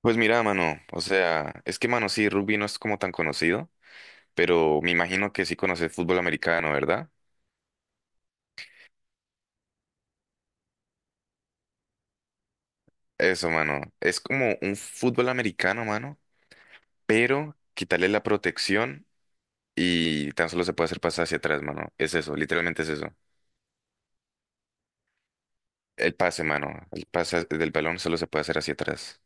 Pues mira, mano, o sea, es que, mano, sí, rugby no es como tan conocido, pero me imagino que sí conoces fútbol americano, ¿verdad? Eso, mano, es como un fútbol americano, mano, pero quitarle la protección y tan solo se puede hacer pasar hacia atrás, mano. Es eso, literalmente es eso. El pase, mano, el pase del balón solo se puede hacer hacia atrás.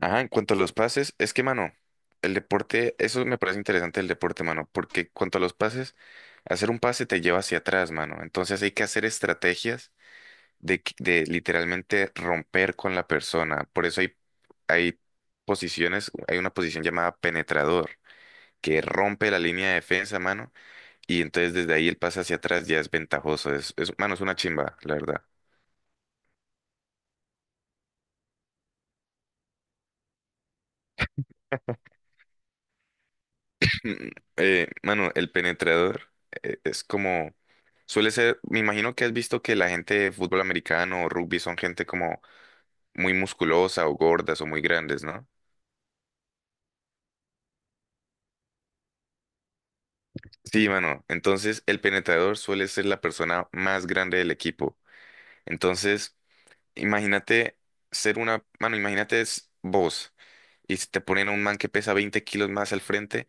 Ajá, en cuanto a los pases, es que, mano, el deporte, eso me parece interesante el deporte, mano, porque en cuanto a los pases, hacer un pase te lleva hacia atrás, mano. Entonces hay que hacer estrategias de literalmente romper con la persona. Por eso hay posiciones, hay una posición llamada penetrador, que rompe la línea de defensa, mano, y entonces desde ahí el pase hacia atrás ya es ventajoso. Mano, es una chimba, la verdad. Mm, Mano, el penetrador es como, suele ser, me imagino que has visto que la gente de fútbol americano o rugby son gente como muy musculosa o gordas o muy grandes, ¿no? Sí, mano. Entonces, el penetrador suele ser la persona más grande del equipo. Entonces, imagínate ser una, mano, imagínate es vos y si te ponen a un man que pesa 20 kilos más al frente,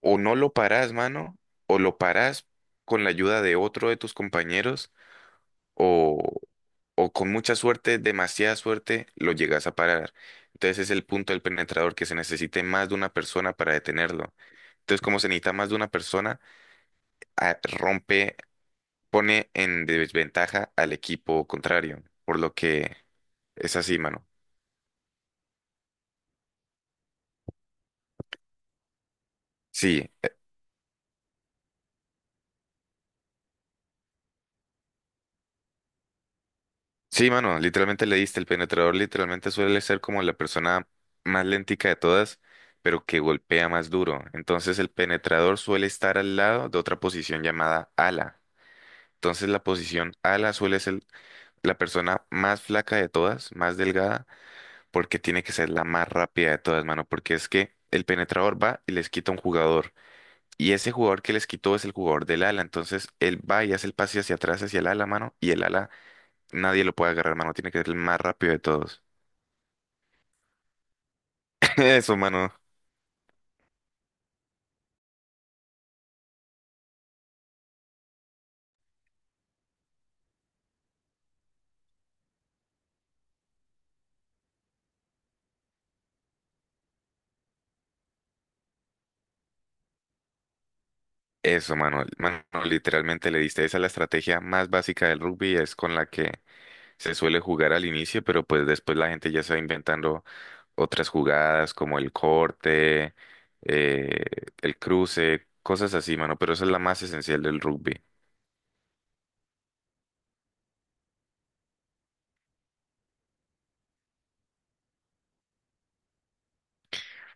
o no lo parás, mano, o lo parás con la ayuda de otro de tus compañeros, o, o con mucha suerte, demasiada suerte, lo llegas a parar. Entonces es el punto del penetrador que se necesite más de una persona para detenerlo. Entonces, como se necesita más de una persona, rompe, pone en desventaja al equipo contrario, por lo que es así, mano. Sí, sí, mano, literalmente le diste. El penetrador literalmente suele ser como la persona más lentica de todas, pero que golpea más duro. Entonces el penetrador suele estar al lado de otra posición llamada ala. Entonces la posición ala suele ser la persona más flaca de todas, más delgada, porque tiene que ser la más rápida de todas, mano, porque es que el penetrador va y les quita un jugador. Y ese jugador que les quitó es el jugador del ala. Entonces él va y hace el pase hacia atrás, hacia el ala, mano, y el ala nadie lo puede agarrar, mano. Tiene que ser el más rápido de todos. Eso, mano. Eso, mano. Mano, literalmente le diste. Esa es la estrategia más básica del rugby. Es con la que se suele jugar al inicio, pero pues después la gente ya está inventando otras jugadas como el corte, eh, el cruce, cosas así, mano. Pero esa es la más esencial del rugby.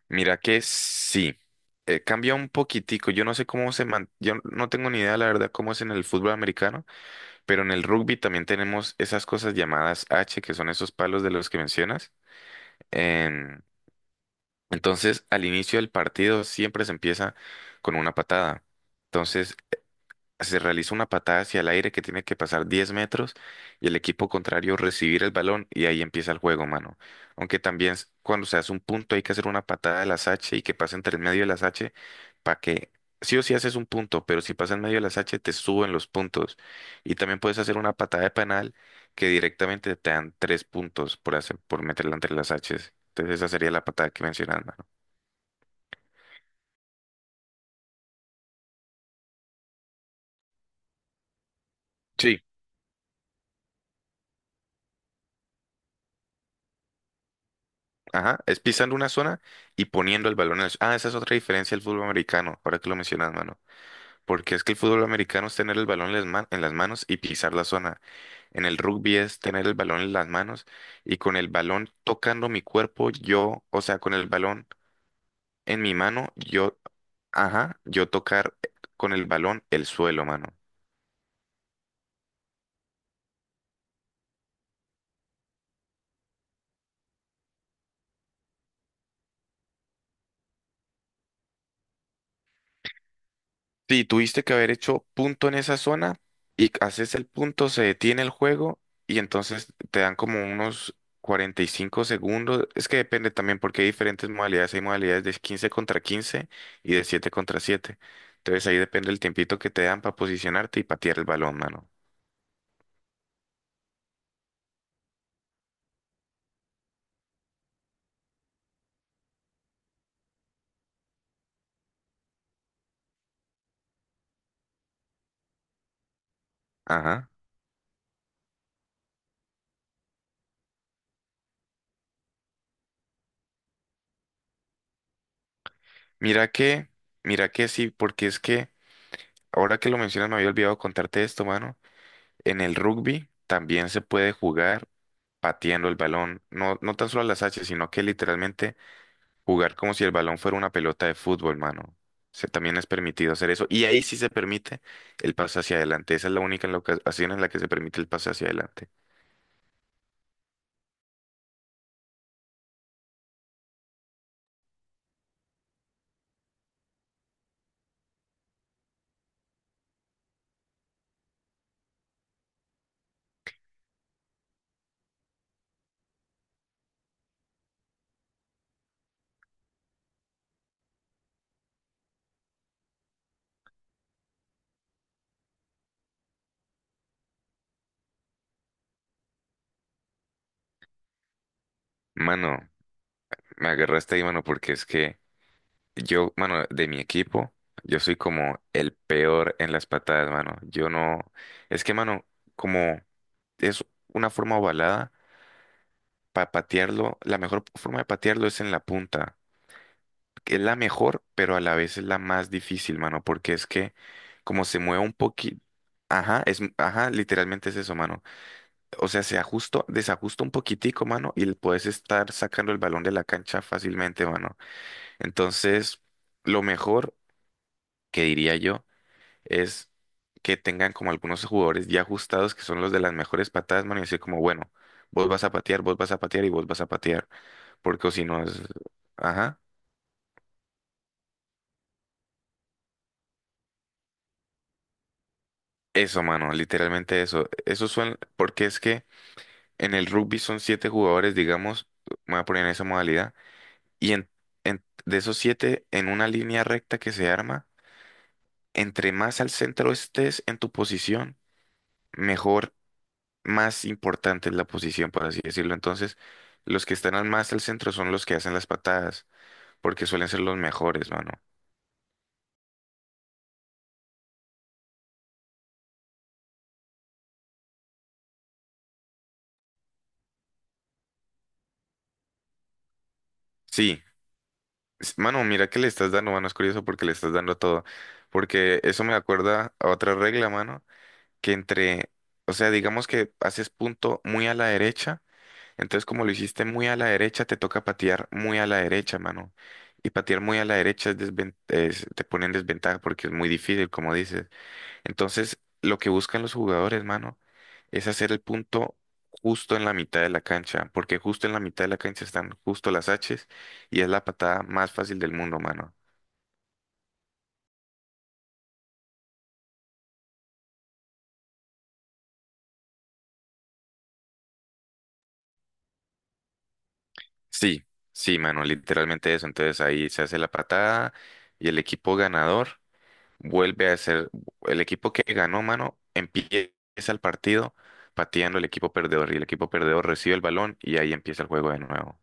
Mira que sí. Cambia un poquitico. Yo no sé cómo se man... Yo no tengo ni idea, la verdad, cómo es en el fútbol americano. Pero en el rugby también tenemos esas cosas llamadas H, que son esos palos de los que mencionas. Em, entonces, al inicio del partido siempre se empieza con una patada. Entonces, se realiza una patada hacia el aire que tiene que pasar 10 metros y el equipo contrario recibir el balón y ahí empieza el juego, mano. Aunque también cuando se hace un punto hay que hacer una patada de las H y que pase entre el medio de las H para que sí o sí haces un punto, pero si pasa en medio de las H te suben los puntos. Y también puedes hacer una patada de penal que directamente te dan 3 puntos por hacer, por meterla entre las H. Entonces esa sería la patada que mencionas, mano. Sí. Ajá, es pisando una zona y poniendo el balón en el... Ah, esa es otra diferencia del fútbol americano, ahora que lo mencionas, mano. Porque es que el fútbol americano es tener el balón en las en las manos y pisar la zona. En el rugby es tener el balón en las manos y con el balón tocando mi cuerpo, yo, o sea, con el balón en mi mano, yo, ajá, yo tocar con el balón el suelo, mano. Sí, tuviste que haber hecho punto en esa zona y haces el punto, se detiene el juego y entonces te dan como unos 45 segundos. Es que depende también porque hay diferentes modalidades. Hay modalidades de 15 contra 15 y de 7 contra siete. Entonces ahí depende el tiempito que te dan para posicionarte y patear el balón, mano. Ajá. Mira que, mira que sí, porque es que ahora que lo mencionas me había olvidado contarte esto, mano. En el rugby también se puede jugar pateando el balón, no, no tan solo a las hachas, sino que literalmente jugar como si el balón fuera una pelota de fútbol, mano. Se, también es permitido hacer eso. Y ahí sí se permite el pase hacia adelante. Esa es la única en la ocasión en la que se permite el pase hacia adelante. Mano, me agarraste ahí, mano, porque es que yo, mano, de mi equipo, yo soy como el peor en las patadas, mano. Yo no. Es que, mano, como es una forma ovalada, para patearlo, la mejor forma de patearlo es en la punta. Que es la mejor, pero a la vez es la más difícil, mano, porque es que como se mueve un poquito, ajá, es, ajá, literalmente es eso, mano. O sea, se ajusta, desajusta un poquitico, mano, y puedes estar sacando el balón de la cancha fácilmente, mano. Entonces, lo mejor que diría yo es que tengan como algunos jugadores ya ajustados que son los de las mejores patadas, mano, y decir como, bueno, vos vas a patear, vos vas a patear y vos vas a patear, porque o si no es, ajá. Eso, mano, literalmente eso. Eso suena, porque es que en el rugby son siete jugadores, digamos, me voy a poner en esa modalidad, y de esos siete, en una línea recta que se arma, entre más al centro estés en tu posición, mejor, más importante es la posición, por así decirlo. Entonces, los que están al más al centro son los que hacen las patadas, porque suelen ser los mejores, mano. Sí, mano, mira que le estás dando, mano, es curioso porque le estás dando todo, porque eso me acuerda a otra regla, mano, que entre, o sea, digamos que haces punto muy a la derecha, entonces como lo hiciste muy a la derecha, te toca patear muy a la derecha, mano. Y patear muy a la derecha es te pone en desventaja porque es muy difícil, como dices. Entonces, lo que buscan los jugadores, mano, es hacer el punto justo en la mitad de la cancha, porque justo en la mitad de la cancha están justo las H's y es la patada más fácil del mundo, mano. Sí, sí, mano, literalmente eso. Entonces ahí se hace la patada y el equipo ganador vuelve a ser el equipo que ganó, mano, empieza el partido pateando el equipo perdedor y el equipo perdedor recibe el balón y ahí empieza el juego de nuevo.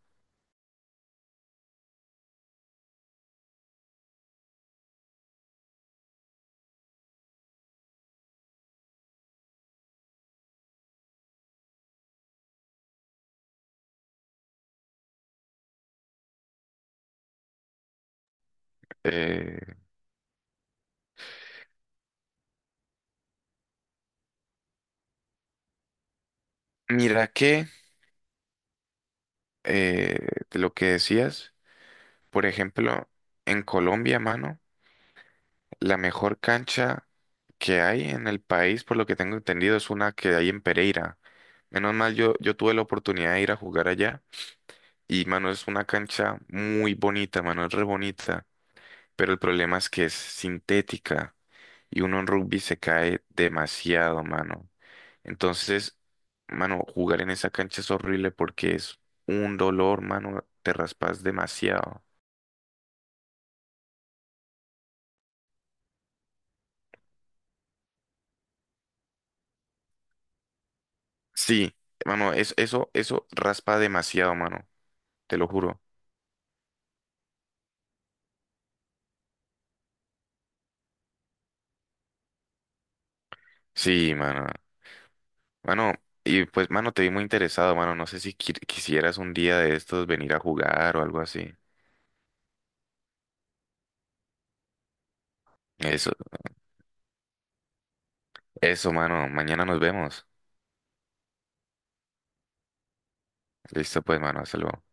Eh, Mira que eh, de lo que decías, por ejemplo, en Colombia, mano, la mejor cancha que hay en el país, por lo que tengo entendido, es una que hay en Pereira. Menos mal, yo tuve la oportunidad de ir a jugar allá y, mano, es una cancha muy bonita, mano, es re bonita. Pero el problema es que es sintética y uno en rugby se cae demasiado, mano. Entonces, mano, jugar en esa cancha es horrible porque es un dolor, mano, te raspas demasiado. Sí, mano, es, eso raspa demasiado, mano, te lo juro. Sí, mano. Mano, y pues, mano, te vi muy interesado, mano. No sé si quisieras un día de estos venir a jugar o algo así. Eso, eso, mano. Mañana nos vemos. Listo, pues, mano. Hasta luego.